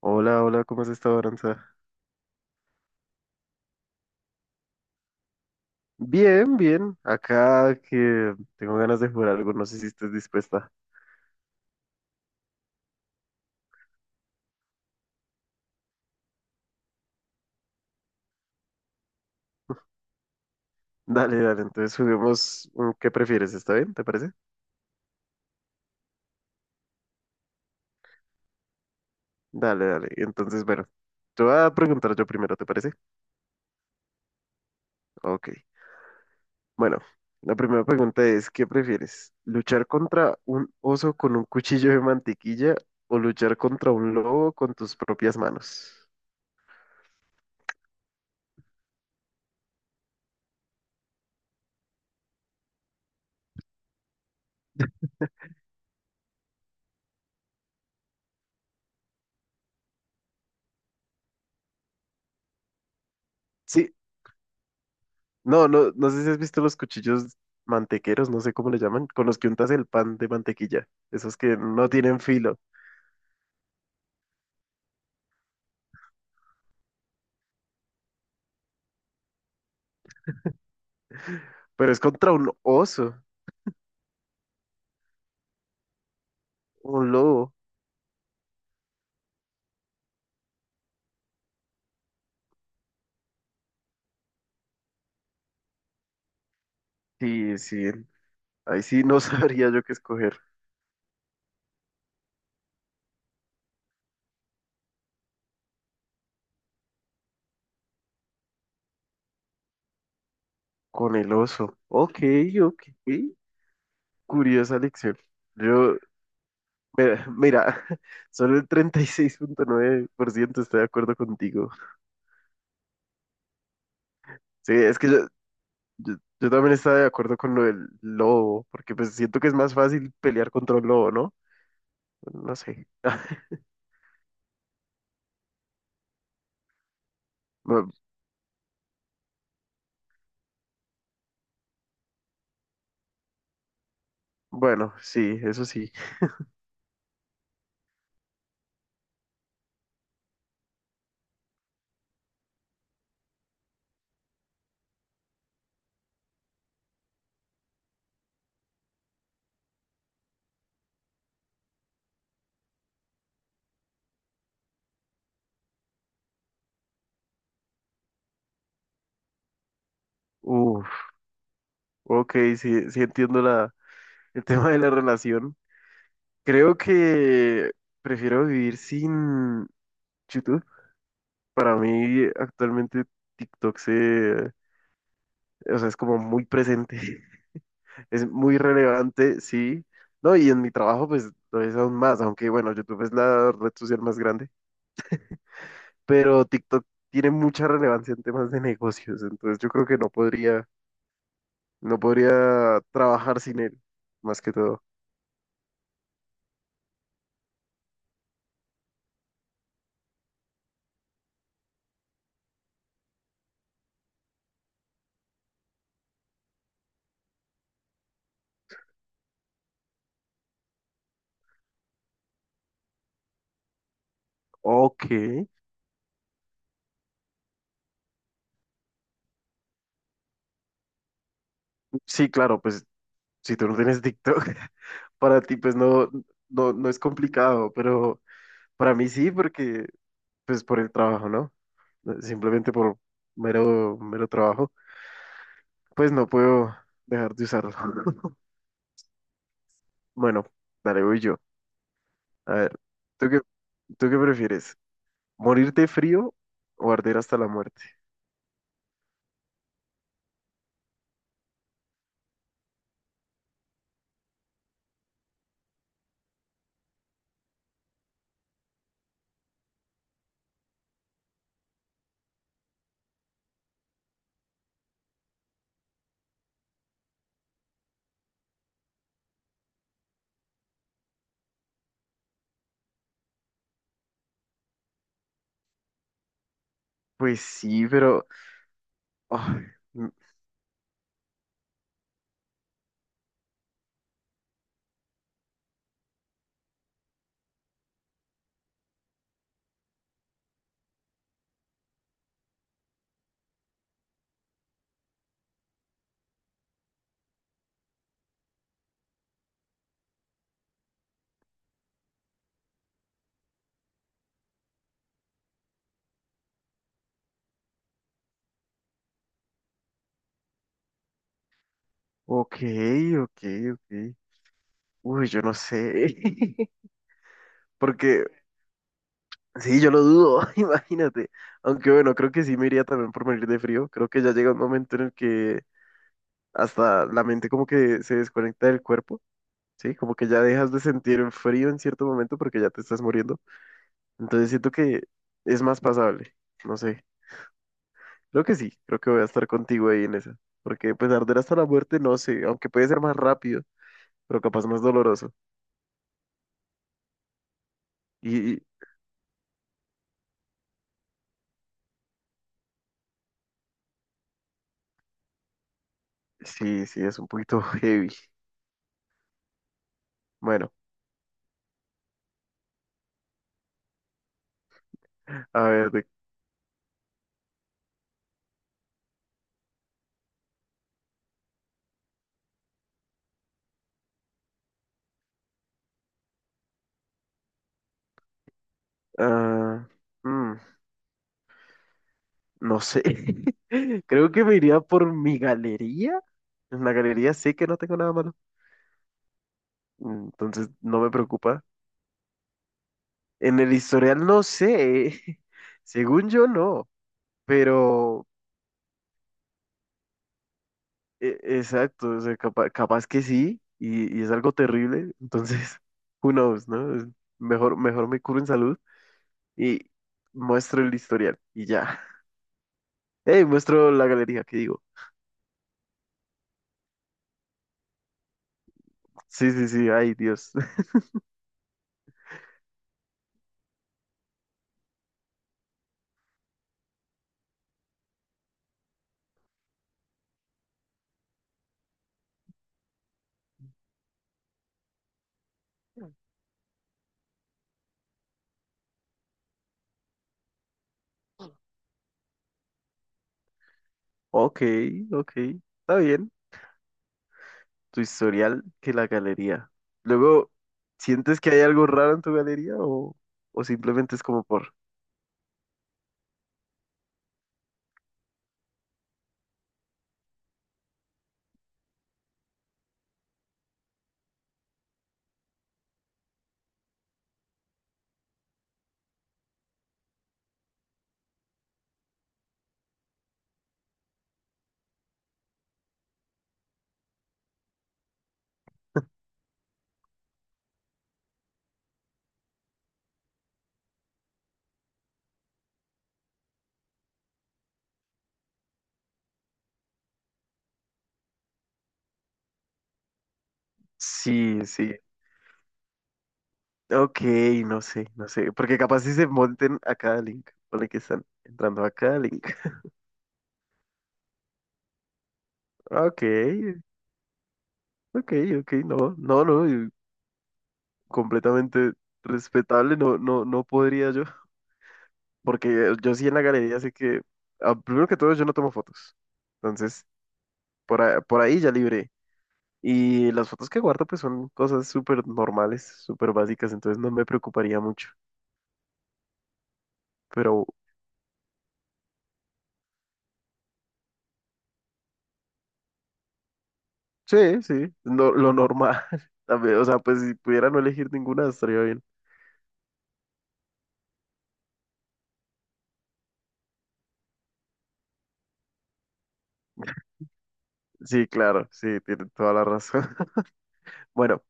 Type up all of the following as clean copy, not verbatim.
Hola, hola, ¿cómo has estado, Aranza? Bien, bien. Acá que tengo ganas de jugar algo, no sé si estás dispuesta. Dale, dale, entonces juguemos. ¿Qué prefieres? ¿Está bien? ¿Te parece? Dale, dale. Entonces, bueno, te voy a preguntar yo primero, ¿te parece? Ok. Bueno, la primera pregunta es, ¿qué prefieres? ¿Luchar contra un oso con un cuchillo de mantequilla o luchar contra un lobo con tus propias manos? Sí, no, no, no sé si has visto los cuchillos mantequeros, no sé cómo le llaman, con los que untas el pan de mantequilla. Esos que no tienen filo. Pero es contra un oso, un lobo. Sí, sí. Ahí sí no sabría yo qué escoger. Con el oso. Ok, ok. Curiosa lección. Yo, mira, mira, solo el 36.9% está de acuerdo contigo. Sí, yo también estaba de acuerdo con lo del lobo, porque pues siento que es más fácil pelear contra un lobo, ¿no? No sé. Bu- Bueno, sí, eso sí. Uf, ok, sí, sí entiendo el tema de la relación. Creo que prefiero vivir sin YouTube. Para mí, actualmente TikTok o sea, es como muy presente, es muy relevante, sí. No, y en mi trabajo, pues lo es aún más, aunque bueno, YouTube es la red social más grande, pero TikTok tiene mucha relevancia en temas de negocios, entonces yo creo que no podría trabajar sin él, más que todo. Ok, sí, claro, pues si tú no tienes TikTok, para ti pues no, no, no es complicado, pero para mí sí, porque pues por el trabajo, ¿no? Simplemente por mero, mero trabajo, pues no puedo dejar de usarlo. Bueno, dale, voy yo. A ver, ¿tú qué, tú qué prefieres? ¿Morirte de frío o arder hasta la muerte? Pues sí, pero... ay, mm, ok, ok, ok. Uy, yo no sé. Porque sí, yo lo dudo, imagínate. Aunque bueno, creo que sí me iría también por morir de frío. Creo que ya llega un momento en el que hasta la mente como que se desconecta del cuerpo, ¿sí? Como que ya dejas de sentir el frío en cierto momento porque ya te estás muriendo. Entonces siento que es más pasable. No sé. Creo que sí, creo que voy a estar contigo ahí en esa. Porque pues arder hasta la muerte, no sé, aunque puede ser más rápido, pero capaz más doloroso. Y, y- sí, sí, es un poquito heavy. Bueno, a ver, ah, mm, no sé. Creo que me iría por mi galería. En la galería sé que no tengo nada malo, entonces no me preocupa. En el historial no sé, según yo no, pero exacto, o sea, capaz, que sí, y es algo terrible, entonces, who knows, ¿no? Es Mejor me curo en salud y muestro el historial y ya. Hey, muestro la galería qué digo. Sí, sí, sí, ay Dios. Ok, ok, está bien. Tu historial que la galería. Luego, ¿sientes que hay algo raro en tu galería o simplemente es como por... Sí, sí. Ok, no sé, no sé. Porque capaz si se monten a cada link. Ponle que están entrando a cada link. Ok, ok, ok, no, no, no, y completamente respetable, no, no, no podría yo. Porque yo sí en la galería sé que, ah, primero que todo, yo no tomo fotos. Entonces, por ahí ya libré. Y las fotos que guardo, pues son cosas súper normales, súper básicas, entonces no me preocuparía mucho. Pero sí, sí, no, lo normal. También, o sea, pues si pudiera no elegir ninguna, estaría bien. Sí, claro, sí, tiene toda la razón. Bueno,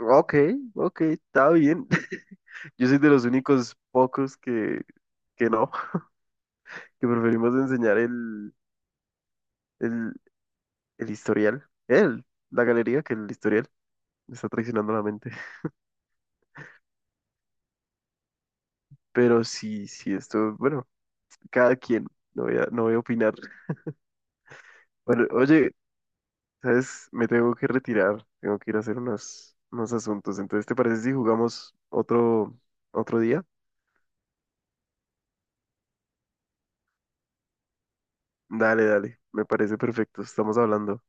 ok, ok, está bien. Yo soy de los únicos pocos que no, que preferimos enseñar el, El historial. Él, la galería que el historial me está traicionando la mente. Pero sí, sí, esto, bueno, cada quien. No voy a opinar. Bueno, oye, ¿sabes? Me tengo que retirar. Tengo que ir a hacer unos asuntos. Entonces, ¿te parece si jugamos otro día? Dale, dale. Me parece perfecto. Estamos hablando.